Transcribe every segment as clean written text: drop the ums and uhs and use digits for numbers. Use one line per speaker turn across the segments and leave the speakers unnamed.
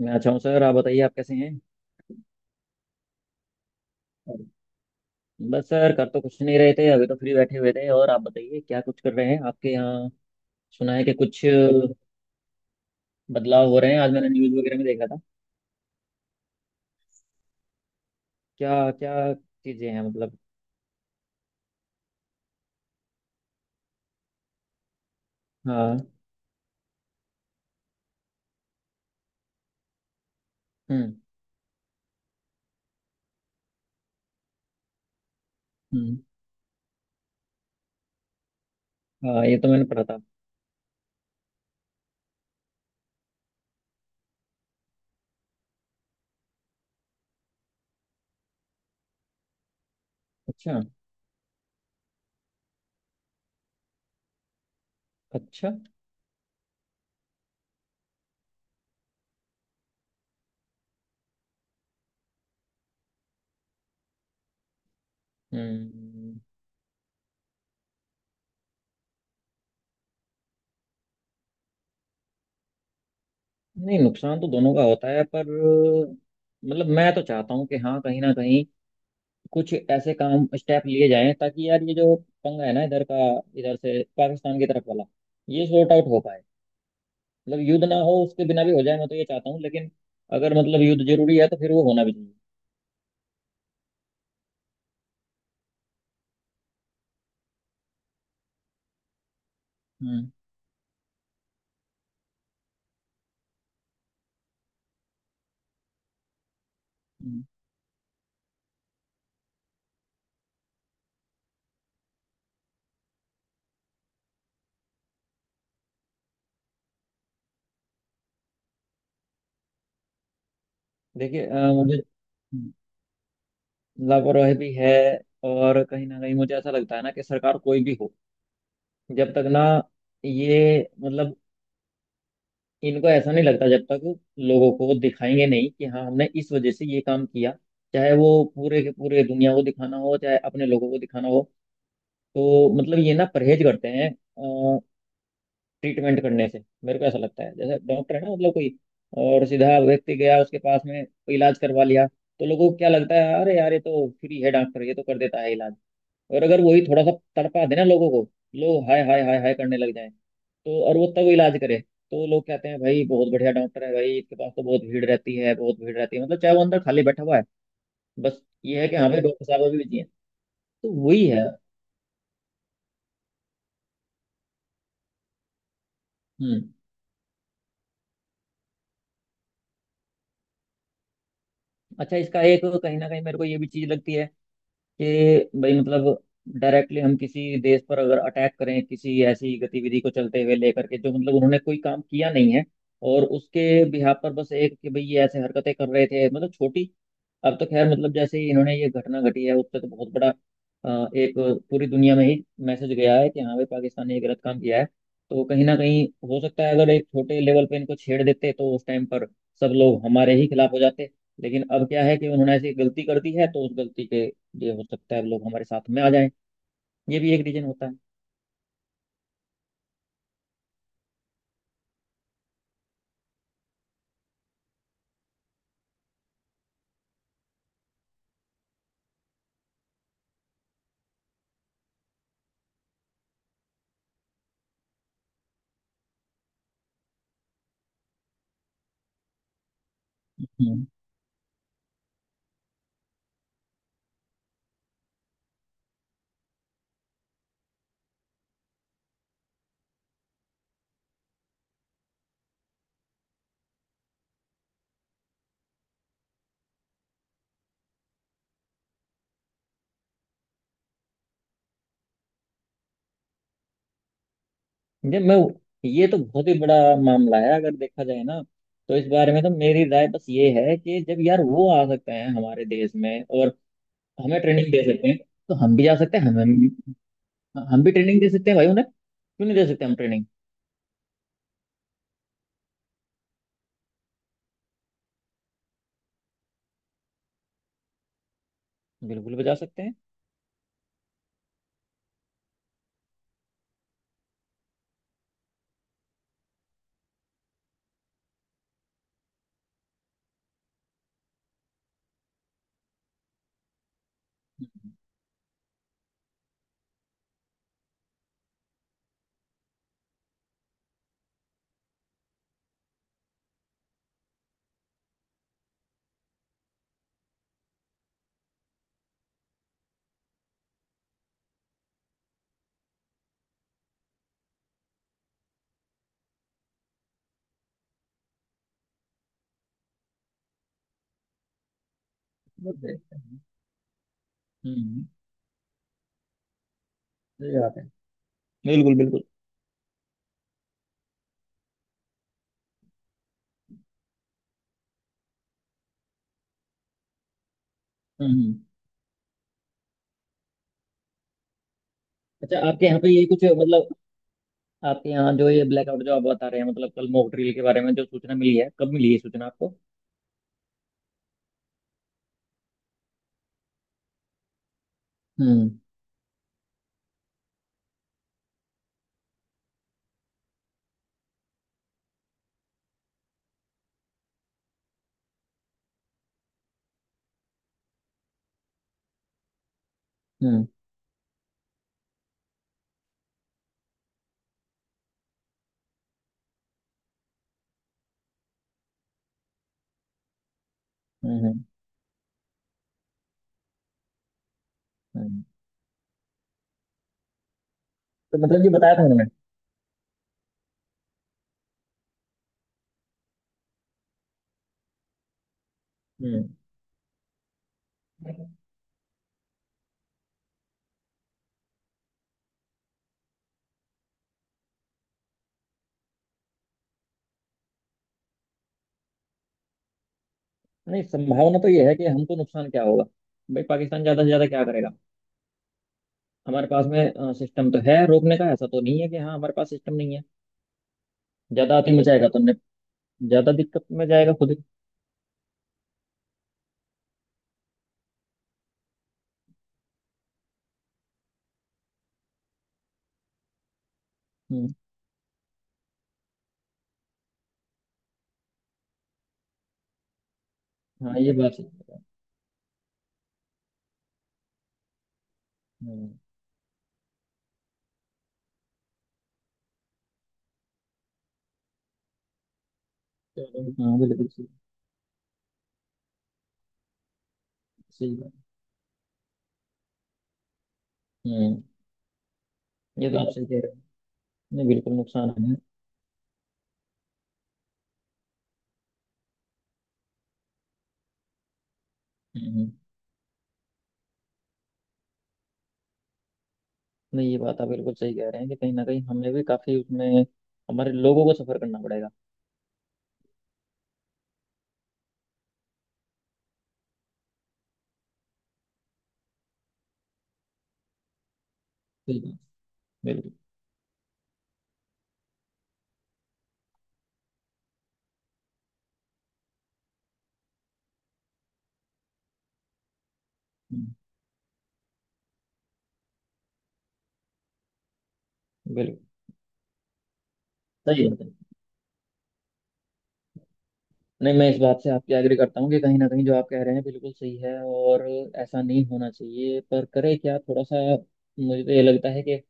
मैं अच्छा हूँ सर। आप बताइए आप कैसे हैं? बस सर कर तो कुछ नहीं रहे थे, अभी तो फ्री बैठे हुए थे। और आप बताइए क्या कुछ कर रहे हैं आपके यहाँ? सुना है कि कुछ बदलाव हो रहे हैं, आज मैंने न्यूज़ वगैरह में देखा था। क्या क्या चीज़ें हैं मतलब? हाँ। हम्म। हम्म। हाँ, ये तो मैंने पढ़ा था। अच्छा। अच्छा। हम्म। नहीं, नुकसान तो दोनों का होता है, पर मतलब मैं तो चाहता हूँ कि हाँ, कहीं ना कहीं कुछ ऐसे काम, स्टेप लिए जाएं ताकि यार ये जो पंगा है ना इधर का, इधर से पाकिस्तान की तरफ वाला, ये सॉर्ट आउट हो पाए। मतलब युद्ध ना हो, उसके बिना भी हो जाए, मैं तो ये चाहता हूँ। लेकिन अगर मतलब युद्ध जरूरी है तो फिर वो होना भी चाहिए। हम्म। हम्म। देखिए मुझे हम्म, लापरवाही भी है, और कहीं ना कहीं मुझे ऐसा लगता है ना कि सरकार कोई भी हो, जब तक ना ये मतलब इनको ऐसा नहीं लगता, जब तक लोगों को दिखाएंगे नहीं कि हाँ, हमने इस वजह से ये काम किया, चाहे वो पूरे के पूरे दुनिया को दिखाना हो, चाहे अपने लोगों को दिखाना हो, तो मतलब ये ना परहेज करते हैं ट्रीटमेंट करने से। मेरे को ऐसा लगता है जैसे डॉक्टर है ना मतलब, कोई और सीधा व्यक्ति गया उसके पास में, कोई इलाज करवा लिया, तो लोगों को क्या लगता है, अरे यार ये तो फ्री है डॉक्टर, ये तो कर देता है इलाज। और अगर वही थोड़ा सा तड़पा देना लोगों को, लोग हाय हाय हाय हाय करने लग जाए, तो और वो तब इलाज करे, तो लोग कहते हैं, भाई बहुत बढ़िया डॉक्टर है, भाई इसके पास तो बहुत भीड़ रहती है, बहुत भीड़ रहती है, मतलब चाहे वो अंदर खाली बैठा हुआ है। बस ये है कि हाँ भाई, डॉक्टर साहब अभी बिजी हैं। तो वही है। हम्म। अच्छा, इसका एक कहीं ना कहीं मेरे को ये भी चीज लगती है कि भाई मतलब डायरेक्टली हम किसी देश पर अगर अटैक करें, किसी ऐसी गतिविधि को चलते हुए लेकर के, जो मतलब उन्होंने कोई काम किया नहीं है, और उसके बिहाफ पर बस एक कि भाई ये ऐसे हरकतें कर रहे थे मतलब छोटी। अब तो खैर मतलब, जैसे ही इन्होंने ये घटना घटी है, उससे तो बहुत बड़ा एक पूरी दुनिया में ही मैसेज गया है कि हाँ भाई, पाकिस्तान ने ये गलत काम किया है। तो कहीं ना कहीं हो सकता है अगर एक छोटे लेवल पे इनको छेड़ देते, तो उस टाइम पर सब लोग हमारे ही खिलाफ हो जाते। लेकिन अब क्या है कि उन्होंने ऐसी गलती कर दी है तो उस गलती के, ये हो सकता है लोग हमारे साथ में आ जाएं। ये भी एक रीजन होता है। हम्म। ये मैं ये तो बहुत ही बड़ा मामला है, अगर देखा जाए ना। तो इस बारे में तो मेरी राय बस ये है कि जब यार वो आ सकते हैं हमारे देश में और हमें ट्रेनिंग दे सकते हैं, तो हम भी जा सकते हैं। हम भी ट्रेनिंग दे सकते हैं भाई उन्हें। क्यों नहीं दे सकते हम ट्रेनिंग? बिल्कुल भी जा सकते हैं। वो देखते हैं। हम्म। सही बात है। बिल्कुल, बिल्कुल। हम्म। अच्छा, आपके यहाँ पे ये कुछ मतलब, आपके यहाँ जो ये ब्लैकआउट जो आप बता रहे हैं, मतलब कल मॉक ड्रिल के बारे में जो सूचना मिली है, कब मिली है सूचना आपको? हम्म। हम्म। हम्म। हम्म। हम्म। तो मतलब ये बताया था उन्होंने? हम्म। नहीं, संभावना तो ये है कि हमको नुकसान क्या होगा। भाई पाकिस्तान ज्यादा से ज्यादा क्या करेगा? हमारे पास में सिस्टम तो है रोकने का, ऐसा तो नहीं है कि हाँ हमारे पास सिस्टम नहीं है। ज्यादा आती मचाएगा तो हमने, ज्यादा दिक्कत में जाएगा खुद ही। हम्म। हाँ, ये बात सही है। हम्म। चलो। हाँ, बिल्कुल सही। सही बात। हम्म। ये तो आप सही कह रहे हो। नहीं, बिल्कुल नुकसान है। हम्म। हम्म। नहीं, ये बात आप बिल्कुल सही कह रहे हैं कि कहीं ना कहीं हमें भी काफी उसमें, हमारे लोगों को सफर करना पड़ेगा। सही बात। बिल्कुल। हम्म, बिल्कुल सही बात है। नहीं, मैं इस बात से आपकी एग्री करता हूँ कि कहीं ना कहीं जो आप कह रहे हैं बिल्कुल सही है, और ऐसा नहीं होना चाहिए, पर करे क्या थोड़ा सा। मुझे तो ये लगता है कि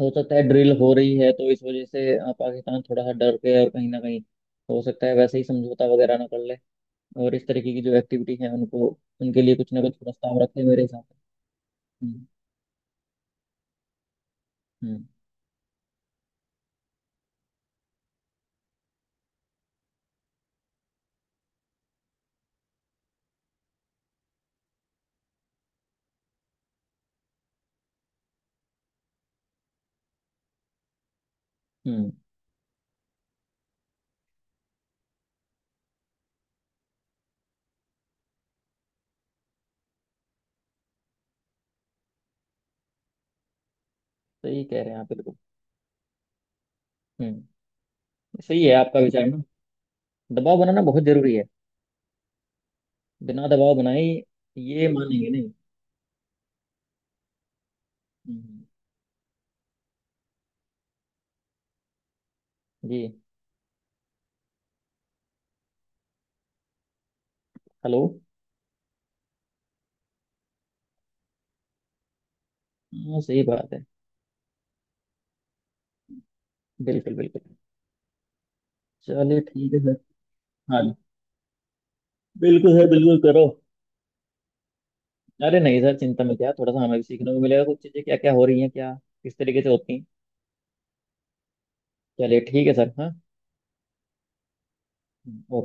हो सकता है ड्रिल हो रही है, तो इस वजह से पाकिस्तान थोड़ा सा डर के और कहीं ना कहीं, हो सकता है वैसे ही समझौता वगैरह ना कर ले, और इस तरीके की जो एक्टिविटी है उनको, उनके लिए कुछ ना कुछ प्रस्ताव रखे मेरे हिसाब से। हम्म। हम्म। हम्म। सही कह रहे हैं आप बिल्कुल। हम्म। सही है आपका विचार ना। दबाव बनाना बहुत जरूरी है। बिना दबाव बनाए ये मानेंगे नहीं। हम्म, जी। हेलो। हाँ, सही बात है। बिल्कुल, बिल्कुल। चलिए ठीक है सर। हाँ जी। बिल्कुल सर, बिल्कुल करो। अरे नहीं सर, चिंता में क्या? थोड़ा सा हमें भी सीखने को मिलेगा, कुछ चीज़ें क्या क्या हो रही हैं, क्या किस तरीके से होती हैं। चलिए ठीक है सर। हाँ। हम्म।